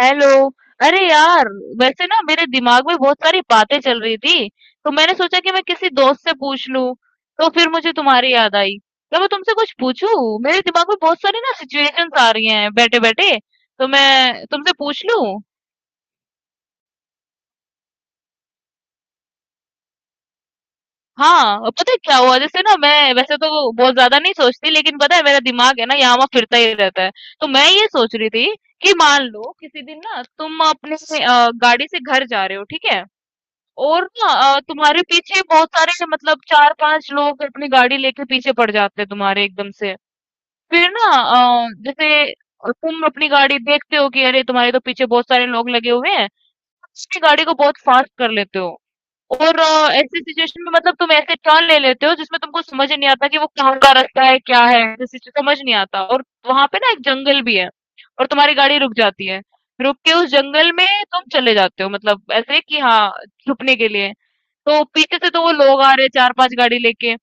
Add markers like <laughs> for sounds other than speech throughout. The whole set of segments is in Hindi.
हेलो! अरे यार, वैसे ना मेरे दिमाग में बहुत सारी बातें चल रही थी, तो मैंने सोचा कि मैं किसी दोस्त से पूछ लूं, तो फिर मुझे तुम्हारी याद आई। क्या मैं तुमसे कुछ पूछूं? मेरे दिमाग में बहुत सारी ना सिचुएशंस आ रही हैं बैठे-बैठे, तो मैं तुमसे पूछ लूं? हाँ, और पता है क्या हुआ जैसे ना मैं वैसे तो बहुत ज्यादा नहीं सोचती लेकिन पता है मेरा दिमाग है ना यहाँ वहाँ फिरता ही रहता है। तो मैं ये सोच रही थी कि मान लो किसी दिन ना तुम अपने गाड़ी से घर जा रहे हो, ठीक है? और ना तुम्हारे पीछे बहुत सारे मतलब चार पांच लोग अपनी गाड़ी लेके पीछे पड़ जाते हैं तुम्हारे एकदम से। फिर ना जैसे तुम अपनी गाड़ी देखते हो कि अरे तुम्हारे तो पीछे बहुत सारे लोग लगे हुए हैं, अपनी गाड़ी को बहुत फास्ट कर लेते हो। और ऐसी सिचुएशन में मतलब तुम ऐसे टर्न ले लेते हो जिसमें तुमको समझ ही नहीं आता कि वो कहाँ का रास्ता है क्या है, समझ नहीं आता, और वहां पे ना एक जंगल भी है और तुम्हारी गाड़ी रुक जाती है। रुक के उस जंगल में तुम चले जाते हो मतलब ऐसे कि हाँ, छुपने के लिए। तो पीछे से तो वो लोग आ रहे हैं 4-5 गाड़ी लेके।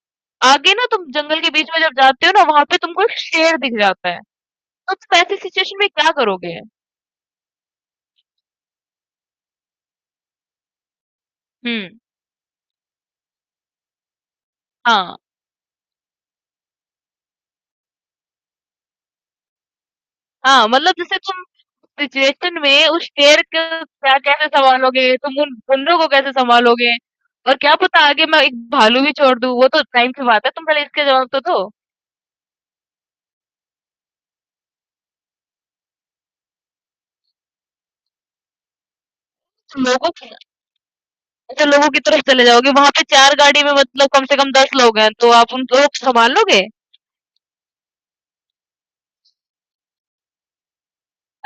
आगे ना तुम जंगल के बीच में जब जाते हो ना वहाँ पे तुमको एक शेर दिख जाता है। तो तुम ऐसी सिचुएशन में क्या करोगे? हुँ, हाँ, हाँ, मतलब जैसे तुम सिचुएशन में उस शेर को क्या कैसे सँभालोगे? तुम उन बंदरों को कैसे सँभालोगे? और क्या पता आगे मैं एक भालू भी छोड़ दूँ, वो तो टाइम की बात है, तुम पहले इसका जवाब तो दो। लोगों की? अच्छा, लोगों की तरफ चले जाओगे, वहाँ पे 4 गाड़ी में मतलब कम से कम 10 लोग हैं, तो आप उन लोग सँभाल लोगे?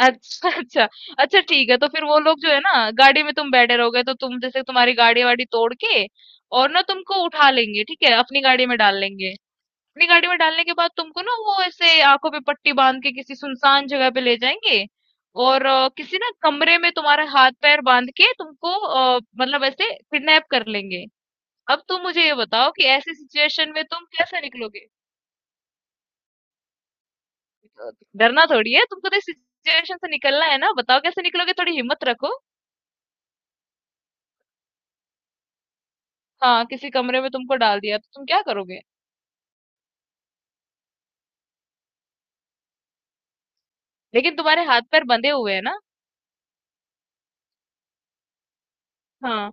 अच्छा, अच्छा। अच्छा ठीक है, तो फिर वो लोग जो है ना गाड़ी में तुम बैठे रहोगे तो तुम जैसे तुम्हारी गाड़ी-वाड़ी तोड़ के और ना तुमको उठा लेंगे, ठीक है? अपनी गाड़ी में डाल लेंगे। अपनी गाड़ी में डालने के बाद तुमको ना वो ऐसे आँखों पे पट्टी बाँध के किसी सुनसान जगह पे ले जाएँगे और किसी ना कमरे में तुम्हारा हाथ-पैर बाँध के तुमको मतलब ऐसे किडनैप कर लेंगे। अब तुम मुझे ये बताओ कि ऐसी सिचुएशन में तुम कैसे निकलोगे? अ, डरना थोड़ी है, तुमको तो इस सिचुएशन से निकलना है ना, बताओ कैसे निकलोगे? थोड़ी हिम्मत रखो। हाँ, किसी कमरे में तुमको डाल दिया तो तुम क्या करोगे? लेकिन तुम्हारे हाथ पैर बंधे हुए हैं ना। हाँ।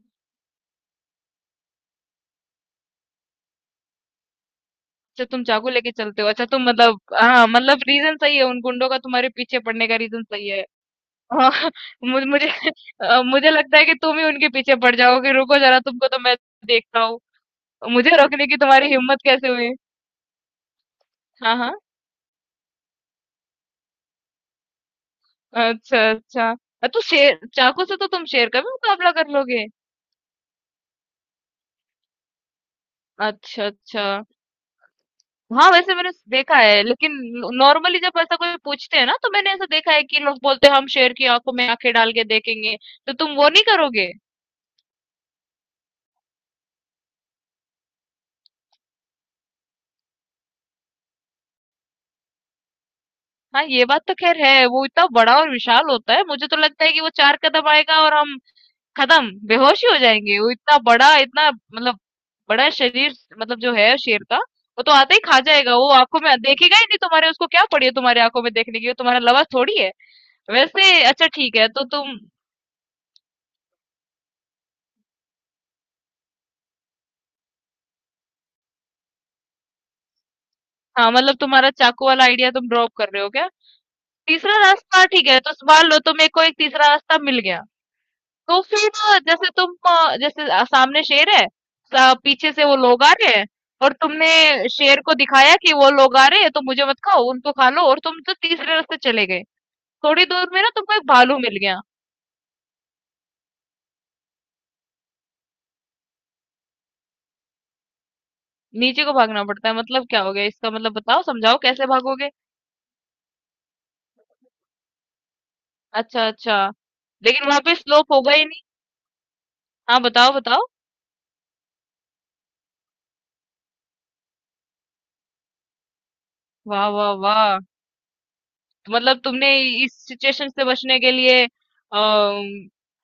अच्छा, तुम चाकू लेके चलते हो। अच्छा तुम मतलब हाँ, मतलब रीजन सही है, उन गुंडों का तुम्हारे पीछे पड़ने का रीजन सही है। हाँ, मुझे मुझे मुझे लगता है कि तुम ही उनके पीछे पड़ जाओगे, रुको जरा तुमको तो मैं देखता हूँ। मुझे रोकने की तुम्हारी हिम्मत कैसे हुई? हाँ, हाँ। अच्छा, अच्छा। तो शेर, चाकू से तो तुम शेर का भी मुकाबला कर लोगे। अच्छा, अच्छा। हाँ वैसे मैंने देखा है लेकिन नॉर्मली जब ऐसा कोई पूछते हैं ना तो मैंने ऐसा देखा है कि लोग बोलते हैं हम शेर की आंखों में आंखें डाल के देखेंगे, तो तुम वो नहीं करोगे? हाँ ये बात तो खैर है, वो इतना बड़ा और विशाल होता है मुझे तो लगता है कि वो चार कदम आएगा और हम खत्म, बेहोश ही हो जाएंगे, वो इतना बड़ा, इतना मतलब बड़ा शरीर मतलब जो है शेर का, वो तो आते ही खा जाएगा, वो आंखों में देखेगा ही नहीं तुम्हारे, उसको क्या पड़ी है तुम्हारे आंखों में देखने की, वो तुम्हारा लवा थोड़ी है। वैसे अच्छा ठीक है तो तुम, हाँ मतलब तुम्हारा चाकू वाला आइडिया तुम ड्रॉप कर रहे हो क्या? तीसरा रास्ता ठीक है, तो स मान लो तो मेरे को एक तीसरा रास्ता मिल गया। तो फिर जैसे तुम जैसे सामने शेर है, स पीछे से वो लोग आ रहे हैं और तुमने शेर को दिखाया कि वो लोग आ रहे हैं, तो मुझे मत खाओ, उनको खा लो, और तुम तो तीसरे रास्ते चले गए। थोड़ी दूर में ना तुमको एक भालू मिल गया, नीचे को भागना पड़ता है, मतलब क्या हो गया इसका मतलब बताओ, समझाओ कैसे भागोगे? अच्छा, अच्छा। लेकिन वहाँ पे स्लोप होगा ही नहीं। हाँ, बताओ, बताओ। वाह, वाह, वाह! तो मतलब तुमने इस सिचुएशन से बचने के लिए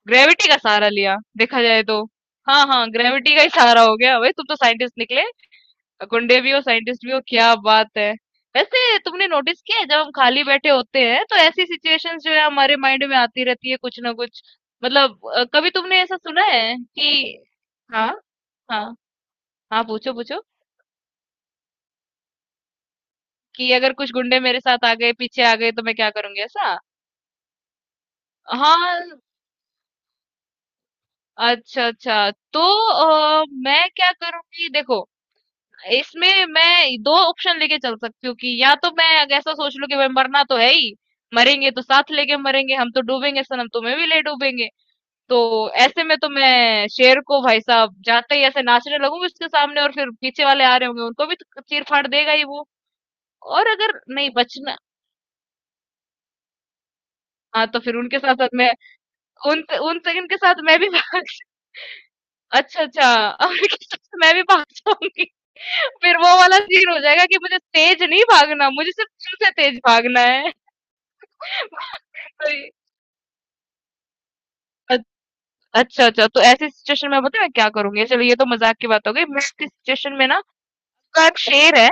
ग्रेविटी का सहारा लिया देखा जाए तो। हाँ हाँ, ग्रेविटी का ही सहारा हो गया, भाई तुम तो साइंटिस्ट निकले, गुंडे भी हो साइंटिस्ट भी हो, क्या बात है। वैसे तुमने नोटिस किया है जब हम खाली बैठे होते हैं तो ऐसी सिचुएशंस जो है हमारे माइंड में आती रहती है कुछ ना कुछ, मतलब कभी तुमने ऐसा सुना है कि, हाँ, हाँ, हाँ, पूछो पूछो कि अगर कुछ गुंडे मेरे साथ आ गए पीछे आ गए तो मैं क्या करूंगी, ऐसा? हाँ। अच्छा, अच्छा। तो मैं क्या करूँगी देखो, इसमें मैं 2 ऑप्शन लेके चल सकती हूँ कि या तो मैं अगर ऐसा सोच लूँ कि भाई मरना तो है ही, मरेंगे तो साथ लेके मरेंगे, हम तो डूबेंगे सनम तुम्हें भी ले डूबेंगे। तो ऐसे में तो मैं शेर को भाई साहब जाते ही ऐसे नाचने लगूंगी उसके सामने और फिर पीछे वाले आ रहे होंगे उनको भी तो चीर-फाड़ देगा ही वो। और अगर नहीं बचना, हाँ, तो फिर उनके साथ-साथ मैं, उन उन उनके साथ मैं भी <laughs> भाग, अच्छा, अच्छा। और <laughs> किस तरह से मैं भी भाग जाऊँगी। <laughs> फिर वो वाला सीन हो जाएगा कि मुझे तेज़ नहीं भागना, मुझे सिर्फ़ चिल से तेज़ भागना है। <laughs> कोई, अ, अच्छा, अच्छा, तो ऐसी सिचुएशन में पता है मैं क्या करूँगी? चलो ये तो मज़ाक की बात हो गई। मैं ऐसी सिचुएशन में ना उसका एक शेर है,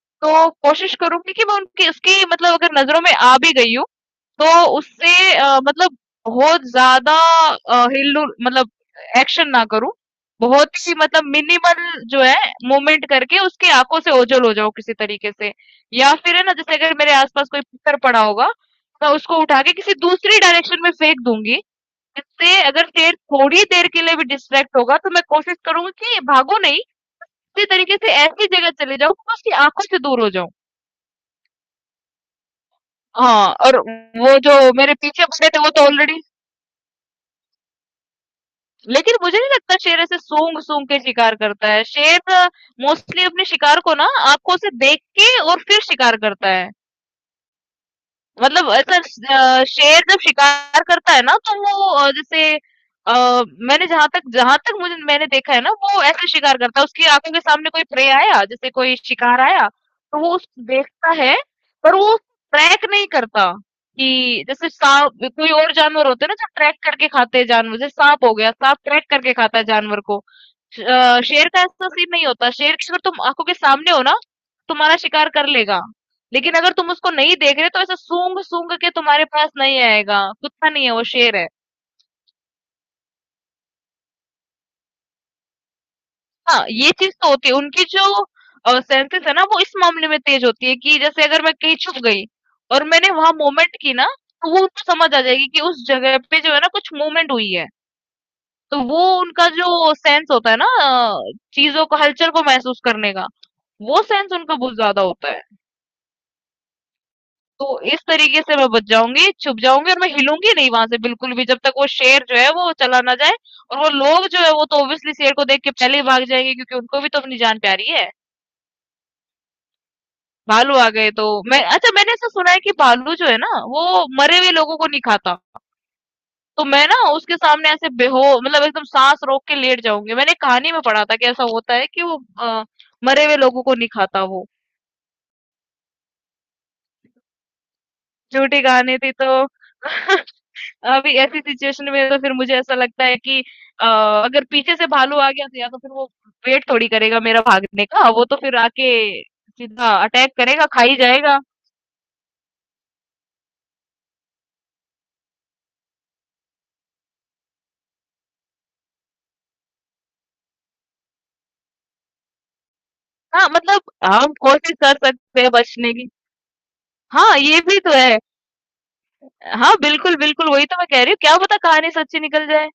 तो कोशिश करूँगी कि मैं उनकी उसकी मतलब अगर नज़रों में आ भी गई हूँ तो उससे मतलब बहुत ज़्यादा हिल-डुल मतलब एक्शन ना करूँ। बहुत ही मतलब मिनिमल जो है मूवमेंट करके उसकी आँखों से ओझल हो जाऊँ किसी तरीके से। या फिर है ना जैसे अगर मेरे आस-पास कोई पत्थर पड़ा होगा, मैं उसको उठा के किसी दूसरी डायरेक्शन में फेंक दूँगी। जिससे अगर शेर थोड़ी देर के लिए भी डिस्ट्रैक्ट होगा तो मैं कोशिश करूँगी कि भागो नहीं, इसी तरीके से ऐसी जगह चले जाऊँ कि मैं उसकी आँखों से दूर हो जाऊँ। हाँ, और वो जो मेरे पीछे पड़े थे वो तो ऑलरेडी, लेकिन मुझे नहीं लगता शेर ऐसे सूंघ-सूंघ के शिकार करता है। शेर मोस्टली अपने शिकार को ना आँखों से देख के और फिर शिकार करता है। मतलब ऐसा शेर जब शिकार करता है ना तो वो अ, मैंने जहाँ तक मुझे मैंने देखा है ना वो ऐसे शिकार करता है, उसकी आंखों के सामने कोई प्रे आया जैसे कोई शिकार आया तो वो उस देखता है, पर वो ट्रैक नहीं करता कि जैसे सांप कोई और जानवर होते हैं ना जो ट्रैक करके खाते हैं जानवर, जैसे सांप हो गया, सांप ट्रैक करके खाता है जानवर को। शेर का ऐसा सीन नहीं होता, शेर की अगर तुम आंखों के सामने हो ना तुम्हारा शिकार कर लेगा, लेकिन अगर तुम उसको नहीं देख रहे तो ऐसा सूंघ सूंघ के तुम्हारे पास नहीं आएगा, कुत्ता नहीं है वो शेर है। हाँ ये चीज तो होती है उनकी, जो सेंसेस है ना वो इस मामले में तेज होती है, कि जैसे अगर मैं कहीं छुप गई और मैंने वहां मूवमेंट की ना तो वो उनको समझ आ जाएगी कि उस जगह पे जो है ना कुछ मूवमेंट हुई है। तो वो उनका जो सेंस होता है ना, चीजों को हलचल को महसूस करने का, वो सेंस उनका बहुत ज्यादा होता है। तो इस तरीके से मैं बच जाऊँगी, छुप जाऊँगी और मैं हिलूँगी नहीं वहाँ से बिल्कुल भी जब तक वो शेर जो है वो चला ना जाए, और वो लोग जो है वो तो ऑब्वियसली शेर को देख के पहले ही भाग जाएँगे क्योंकि उनको भी तो अपनी जान प्यारी है। भालू आ गए तो, मैं, अच्छा मैंने ऐसा सुना है कि भालू जो है ना वो मरे हुए लोगों को नहीं खाता। तो मैं ना उसके सामने ऐसे बेहो मतलब एकदम साँस रोक के लेट जाऊँगी। मैंने कहानी में पढ़ा था कि ऐसा होता है कि वो मरे हुए लोगों को नहीं खाता वो। झूठी कहानी थी तो <laughs> अभी ऐसी सिचुएशन में तो फिर मुझे ऐसा लगता है कि अगर पीछे से भालू आ गया तो या तो फिर वो वेट थोड़ी करेगा मेरा भागने का, वो तो फिर आके सीधा अटैक करेगा, खा ही जाएगा। हाँ मतलब हम कोशिश कर सकते हैं बचने की। हाँ ये भी तो है। हाँ बिल्कुल बिल्कुल, वही तो मैं कह रही हूँ क्या पता कहानी सच्ची निकल जाए।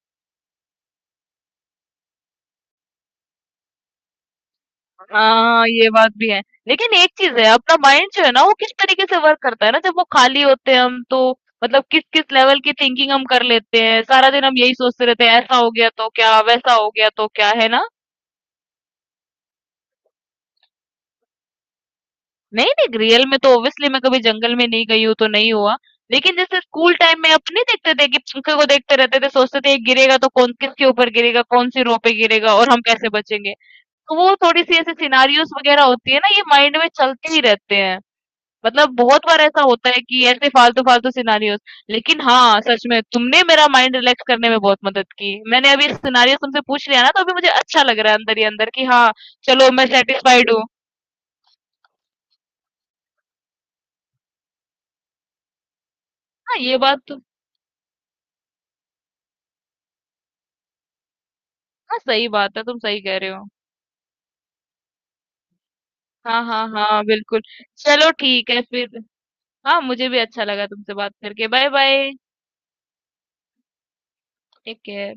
हाँ ये बात भी है, लेकिन एक चीज है अपना माइंड जो है ना वो किस तरीके से वर्क करता है ना जब वो खाली होते हैं हम तो, मतलब किस किस लेवल की थिंकिंग हम कर लेते हैं सारा दिन, हम यही सोचते रहते हैं ऐसा हो गया तो क्या वैसा हो गया तो क्या, है ना? नहीं नहीं, रियल में तो ऑब्वियसली मैं कभी जंगल में नहीं गई हूँ तो नहीं हुआ, लेकिन जैसे स्कूल टाइम में अपने देखते थे कि पंखे को देखते रहते थे, सोचते थे ये गिरेगा तो कौन किसके ऊपर गिरेगा, कौन सी रो पे गिरेगा और हम कैसे बचेंगे। तो वो थोड़ी सी ऐसे सिनारियोस वगैरह होती है ना, ये माइंड में चलते ही रहते हैं, मतलब बहुत बार ऐसा होता है कि ऐसे फालतू-फालतू सिनेरियोस। लेकिन हाँ, सच में तुमने मेरा माइंड रिलैक्स करने में बहुत मदद की। मैंने अभी सिनेरियोस तुमसे पूछ लिया ना तो अभी मुझे अच्छा लग रहा है अंदर ही अंदर कि हाँ, चलो मैं सैटिस्फाइड हूँ। हाँ, ये बात तो, हाँ, सही बात है, तुम सही कह रहे हो। हाँ, हाँ, हाँ, बिल्कुल। चलो ठीक है फिर। हाँ, मुझे भी अच्छा लगा तुमसे बात करके। बाय-बाय। Take care.